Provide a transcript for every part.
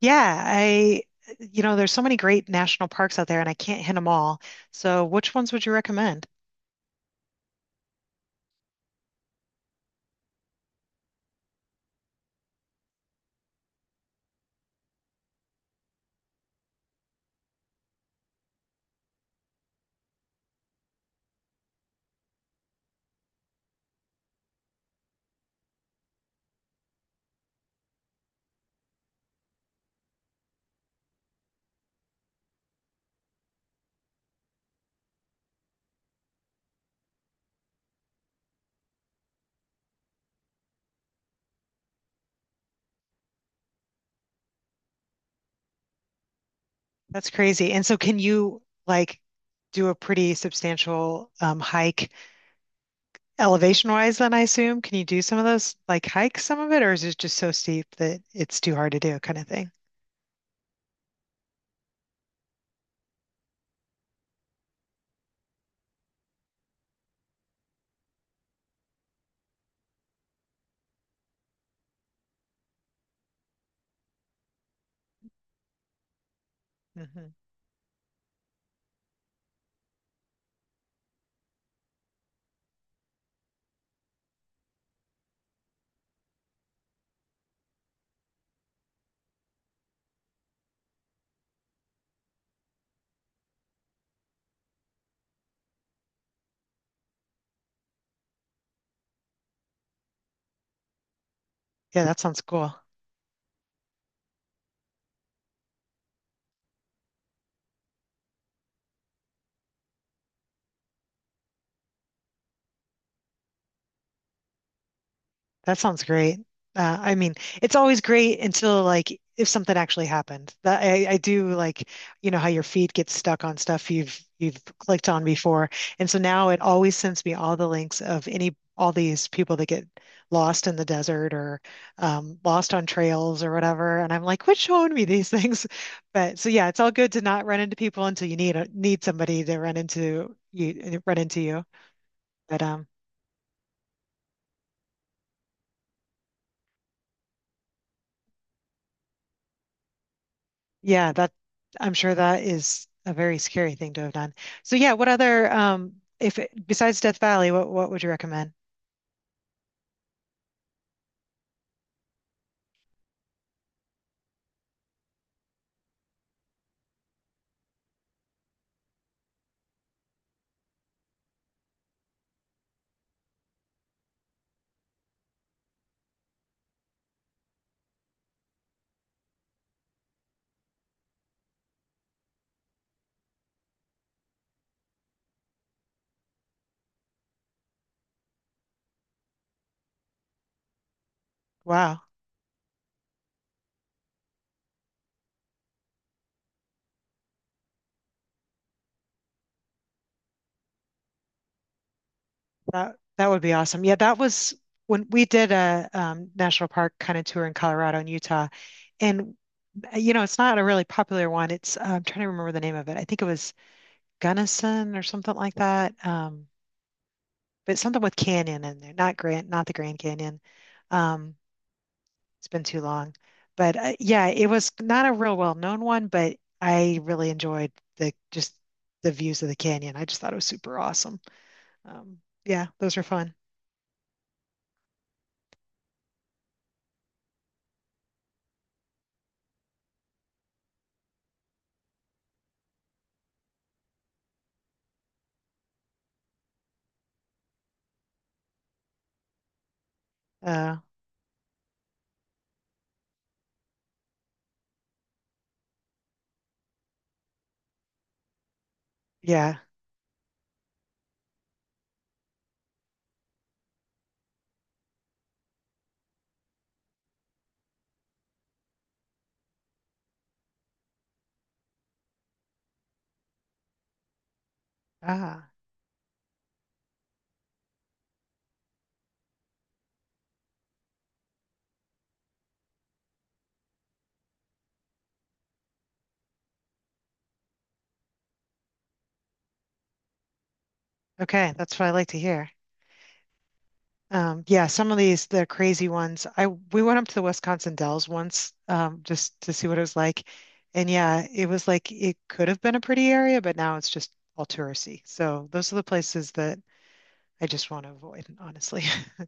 Yeah, you know, there's so many great national parks out there and I can't hit them all. So which ones would you recommend? That's crazy. And so can you like do a pretty substantial hike elevation wise then I assume? Can you do some of those like hike some of it, or is it just so steep that it's too hard to do kind of thing? Hmm. Yeah, that sounds cool. That sounds great. I mean, it's always great until like if something actually happened. That I do like, you know how your feet get stuck on stuff you've clicked on before, and so now it always sends me all the links of any all these people that get lost in the desert, or lost on trails or whatever, and I'm like, which showed me these things? But so yeah, it's all good to not run into people until you need a, need somebody to run into you run into you. But Yeah, that I'm sure that is a very scary thing to have done. So yeah, what other if it, besides Death Valley, what would you recommend? Wow, that that would be awesome. Yeah, that was when we did a national park kind of tour in Colorado and Utah, and you know, it's not a really popular one. It's I'm trying to remember the name of it. I think it was Gunnison or something like that. But something with canyon in there, not Grand, not the Grand Canyon. Um, It's been too long. But yeah, it was not a real well-known one, but I really enjoyed the just the views of the canyon. I just thought it was super awesome. Um, yeah, those are fun. Uh, yeah. Ah, okay. That's what I like to hear. Yeah, some of these the crazy ones. I we went up to the Wisconsin Dells once, just to see what it was like. And yeah, it was like it could have been a pretty area, but now it's just all touristy. So those are the places that I just want to avoid, honestly.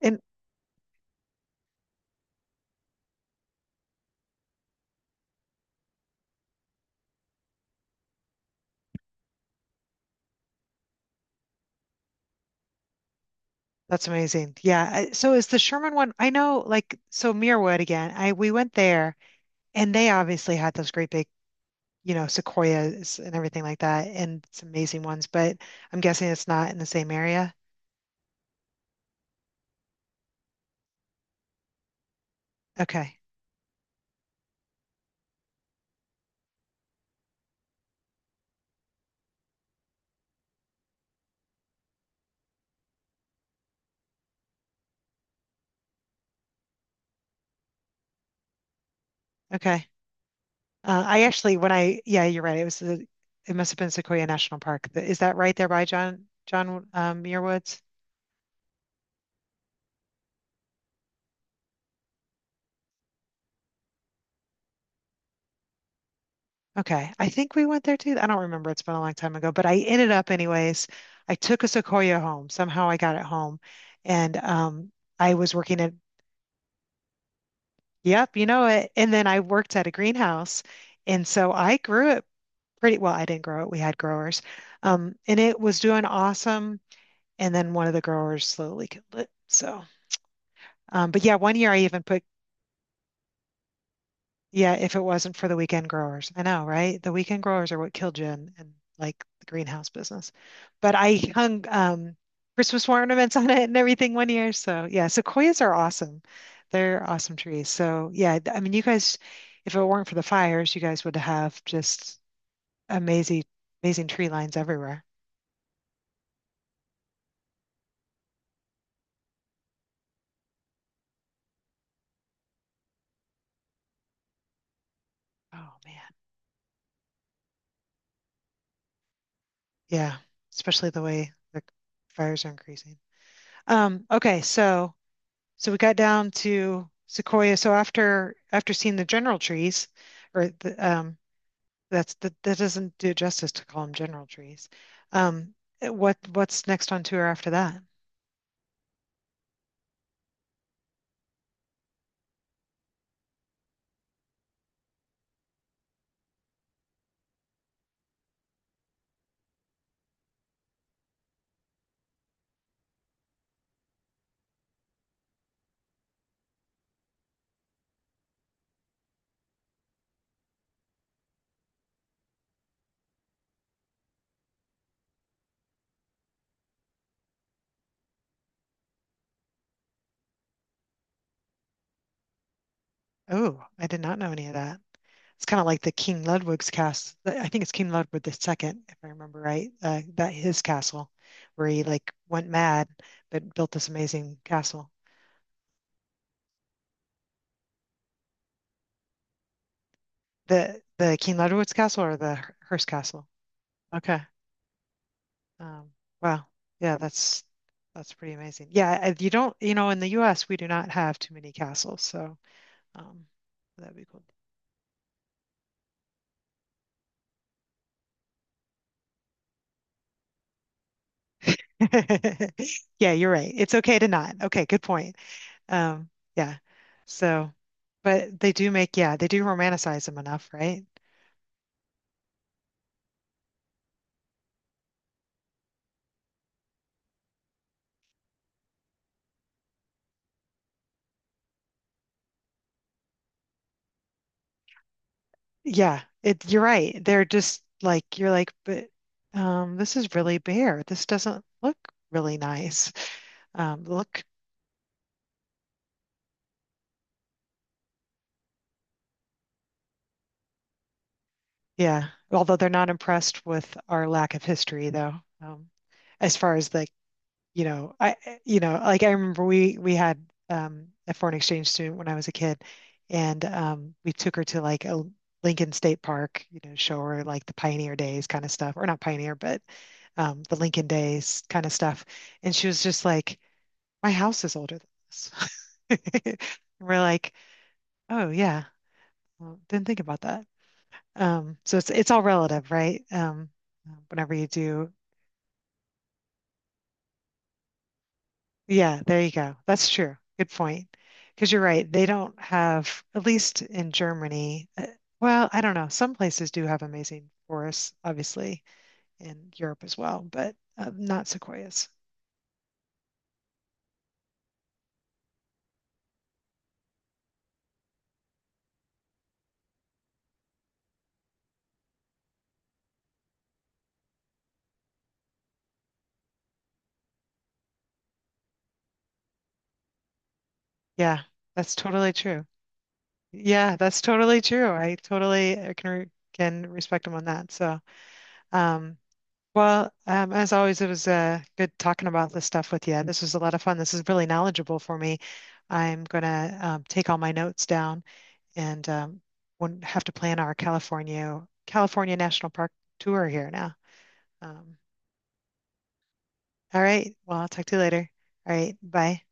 And that's amazing. Yeah. I- So is the Sherman one? I know, like, so Muirwood again. I we went there, and they obviously had those great big, you know, sequoias and everything like that, and some amazing ones. But I'm guessing it's not in the same area. Okay. Okay. I actually, when yeah, you're right. It must have been Sequoia National Park. Th- Is that right there by John Muir? Okay. I think we went there too. I don't remember. It's been a long time ago, but I ended up anyways. I took a Sequoia home. Somehow I got it home. And I was working at, yep, you know it. And then I worked at a greenhouse. And so I grew it pretty well. I didn't grow it. We had growers. And it was doing awesome. And then one of the growers slowly killed it. So, but yeah, one year I even put yeah, if it wasn't for the weekend growers. I know, right? The weekend growers are what killed Jen in like the greenhouse business. But I hung Christmas ornaments on it and everything one year. So yeah, sequoias are awesome. They're awesome trees. So yeah, th- I mean you guys, if it weren't for the fires, you guys would have just amazing amazing tree lines everywhere. Oh man. Yeah. Especially the way the fires are increasing. Okay, so so we got down to Sequoia. So after seeing the general trees, or the, that doesn't do justice to call them general trees. Um, what's next on tour after that? Oh, I did not know any of that. It's kind of like the King Ludwig's cast. I think it's King Ludwig the second, if I remember right. That his castle, where he like went mad but built this amazing castle. The King Ludwig's castle or the Hearst castle? Okay. Um, wow. Yeah, that's pretty amazing. Yeah, I- you don't, you know, in the US we do not have too many castles, so um that'd be cool. Yeah, you're right. It's okay to not. Okay, good point. Um, yeah. So, but they do make, yeah, they do romanticize them enough, right? Yeah, it, you're right. They're just like you're like, but this is really bare. This doesn't look really nice. Look Yeah, although they're not impressed with our lack of history, though. Um, as far as like, you know, you know, like I remember we had a foreign exchange student when I was a kid, and we took her to like a Lincoln State Park, you know, show her like the pioneer days kind of stuff, or not pioneer, but the Lincoln days kind of stuff, and she was just like, "My house is older than this." We're like, "Oh yeah, well, didn't think about that." So it's all relative, right? Whenever you do, yeah, there you go. That's true. Good point. Because you're right, they don't have, at least in Germany, well, I don't know. Some places do have amazing forests, obviously, in Europe as well, but not sequoias. Yeah, that's totally true. Yeah, that's totally true. I totally can can respect him on that. So, um, well, as always, it was good talking about this stuff with you. This was a lot of fun. This is really knowledgeable for me. I'm gonna take all my notes down and won't have to plan our California National Park tour here now. Um, all right. Well, I'll talk to you later. All right. Bye.